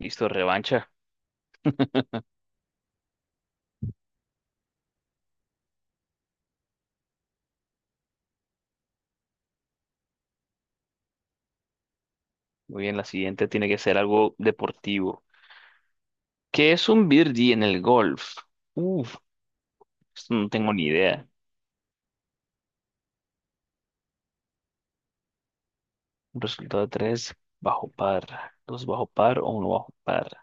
Listo, revancha. Muy bien, la siguiente tiene que ser algo deportivo. ¿Qué es un birdie en el golf? Uf, esto no tengo ni idea. Un resultado de tres bajo par, dos bajo par o uno bajo par.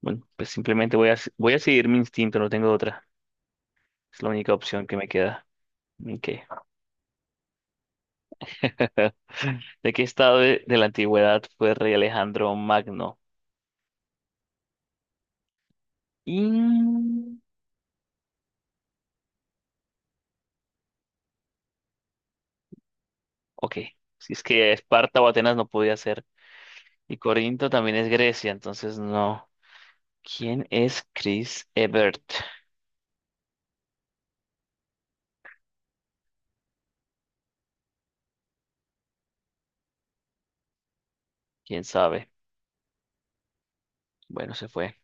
Bueno, pues simplemente voy a seguir mi instinto, no tengo otra. Es la única opción que me queda. Ok. ¿De qué estado de la antigüedad fue rey Alejandro Magno? Mm, ok, si es que Esparta o Atenas no podía ser. Y Corinto también es Grecia, entonces no. ¿Quién es Chris Evert? ¿Quién sabe? Bueno, se fue.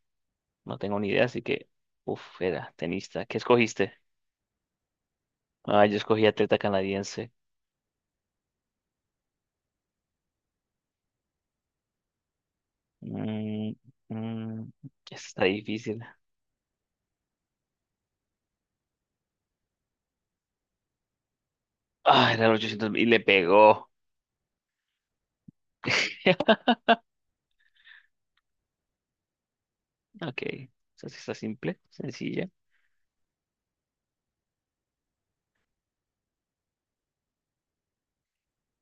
No tengo ni idea, así que… era tenista. ¿Qué escogiste? Ah, yo escogí atleta canadiense. Mm, mm, esta está difícil. Ah, era el 800 y le pegó. Ok, ¿esa sí está simple, sencilla?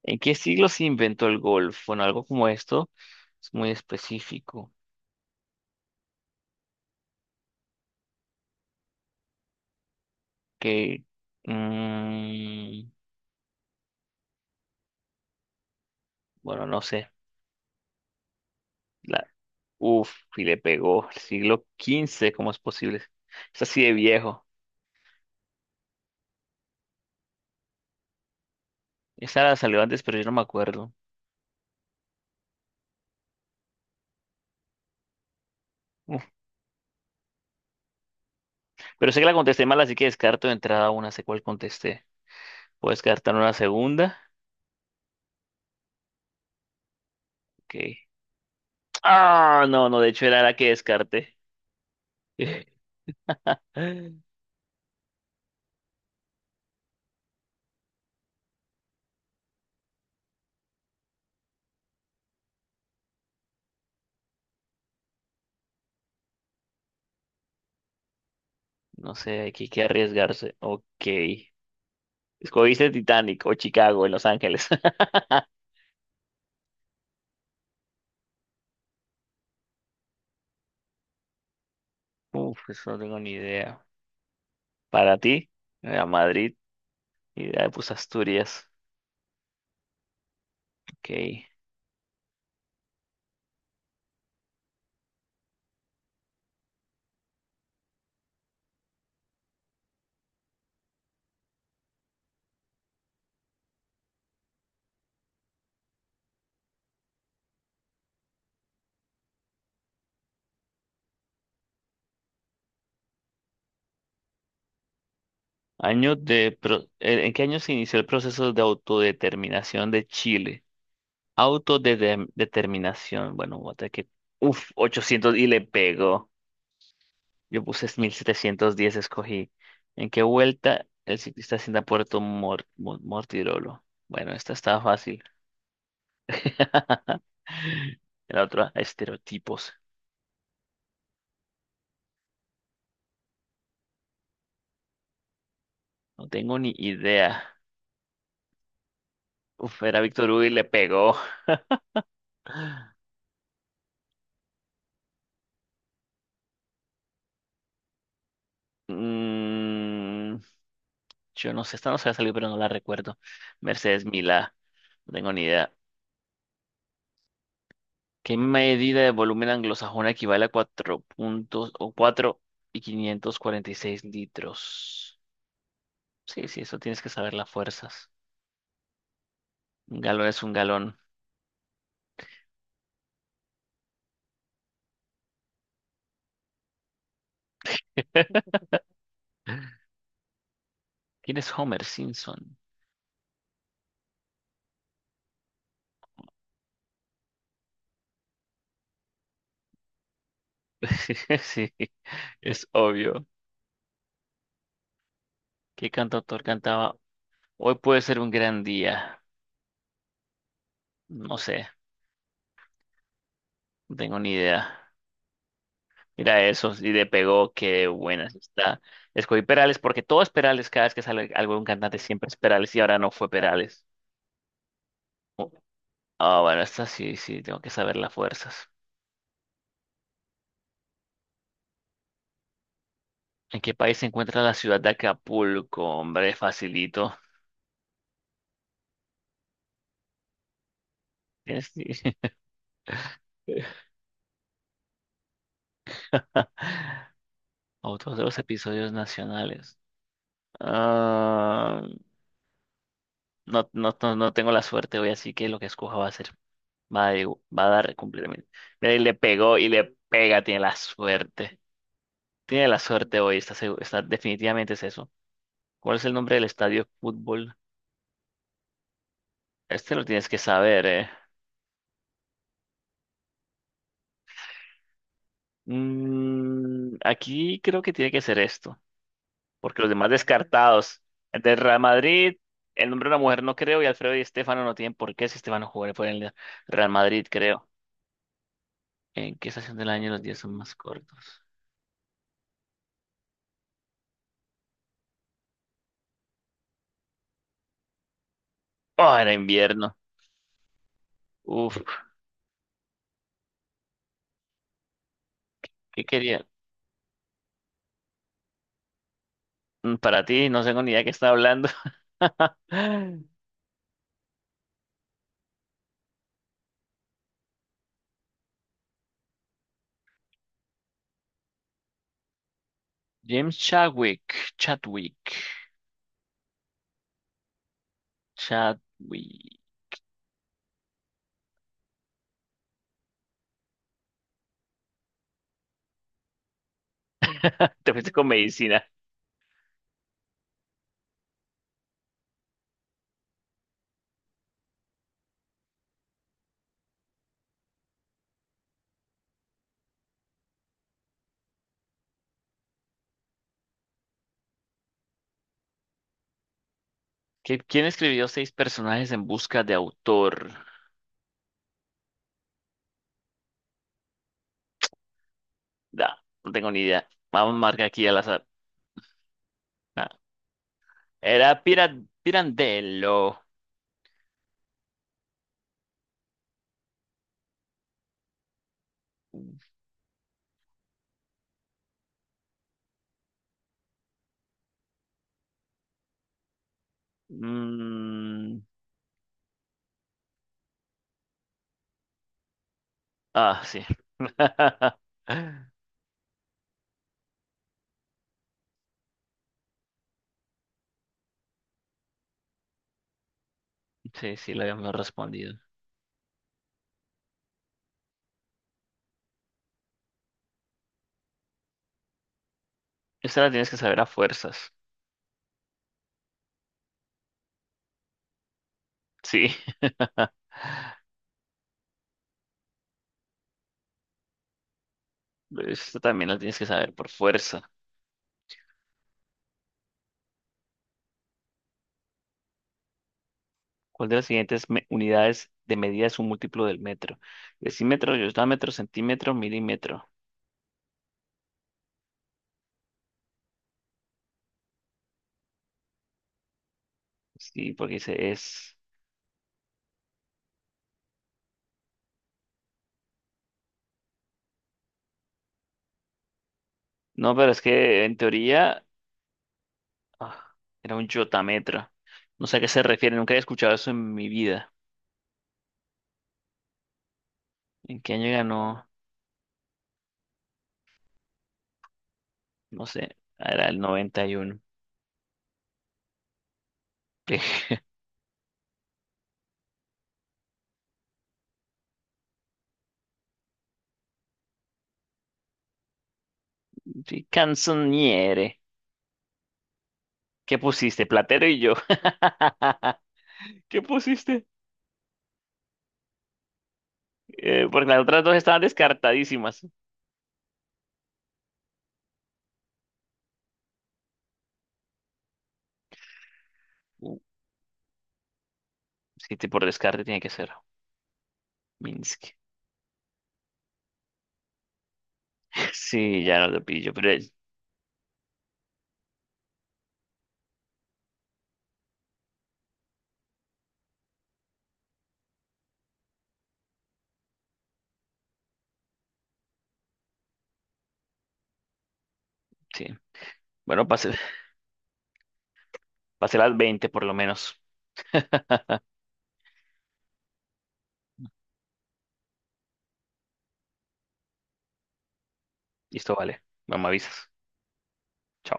¿En qué siglo se inventó el golf? Bueno, algo como esto es muy específico. Que, mm, bueno, no sé. La- y le pegó. Siglo XV, ¿cómo es posible? Es así de viejo. Esa la salió antes, pero yo no me acuerdo. Uf, Pero sé que la contesté mal, así que descarto de entrada una. Sé cuál contesté. Puedo descartar una segunda. Ok. Ah, no, no, de hecho era la que descarté. No sé, aquí hay que arriesgarse. Ok. Escogiste Titanic o Chicago en Los Ángeles. Eso no tengo ni idea. Para ti, era Madrid y ya puse Asturias. Ok. ¿En qué año se inició el proceso de autodeterminación de Chile? Autodeterminación, bueno, voy a tener que… 800 y le pegó. Yo puse 1710 escogí. ¿En qué vuelta el ciclista asciende a Puerto Mortirolo? Bueno, esta estaba fácil. La otra, estereotipos. No tengo ni idea. Era Víctor Hugo y le pegó. Mm, Yo no sé, esta no se ha salido, pero no la recuerdo. Mercedes Milá, no tengo ni idea. ¿Qué medida de volumen anglosajona equivale a 4 puntos o 4 y 546 litros? Sí, sí, eso tienes que saber las fuerzas. Un galón es un galón. ¿Quién es Homer Simpson? Sí, es obvio. ¿Qué cantautor cantaba? Hoy puede ser un gran día. No sé, no tengo ni idea. Mira eso, y le pegó, qué buenas está. Escogí Perales porque todo es Perales, cada vez que sale algo de un cantante siempre es Perales y ahora no fue Perales. Oh, ah, bueno, esta sí, sí, tengo que saber las fuerzas. ¿En qué país se encuentra la ciudad de Acapulco? Hombre, facilito. Tienes- Otros de los episodios nacionales. Ah, no, no, no, no tengo la suerte hoy, así que lo que escoja va a ser, va a, va a dar completamente. Mira, y le pegó y le pega, tiene la suerte. Tiene la suerte hoy, está, definitivamente es eso. ¿Cuál es el nombre del estadio de fútbol? Este lo tienes que saber, ¿eh? Aquí creo que tiene que ser esto, porque los demás descartados. El del Real Madrid, el nombre de una mujer no creo, y Alfredo y Estefano no tienen por qué si Estefano jugó por el Real Madrid, creo. ¿En qué estación del año los días son más cortos? Oh, era invierno. Uf, ¿Qué quería? Para ti, no tengo ni idea de qué está hablando. James Chadwick, Chadwick. Chadwick. Te fuiste con medicina. ¿Quién escribió seis personajes en busca de autor? Da, no tengo ni idea. Vamos a marcar aquí al azar. Ah, era Pirandello. Mm, ah, sí. Sí, sí, lo habíamos respondido. Esta la tienes que saber a fuerzas. Sí. Esta también la tienes que saber por fuerza. ¿Cuál de las unidades de medida es un múltiplo del metro? Decímetro, metro, centímetro, milímetro. Sí, porque se es. No, pero es que en teoría ah, era un yotametra. No sé a qué se refiere, nunca he escuchado eso en mi vida. ¿En qué año ganó? No sé, ah, era el 91. Sí, Canzoniere. ¿Qué pusiste? Platero y yo. ¿Qué pusiste? Porque las otras dos estaban descartadísimas. Uh, Sí, por descarte tiene que ser Minsk. Sí, ya no lo pillo, pero sí. Bueno, pasé, pasé las 20 por lo menos. Listo, vale. Mamá avisas. Chao.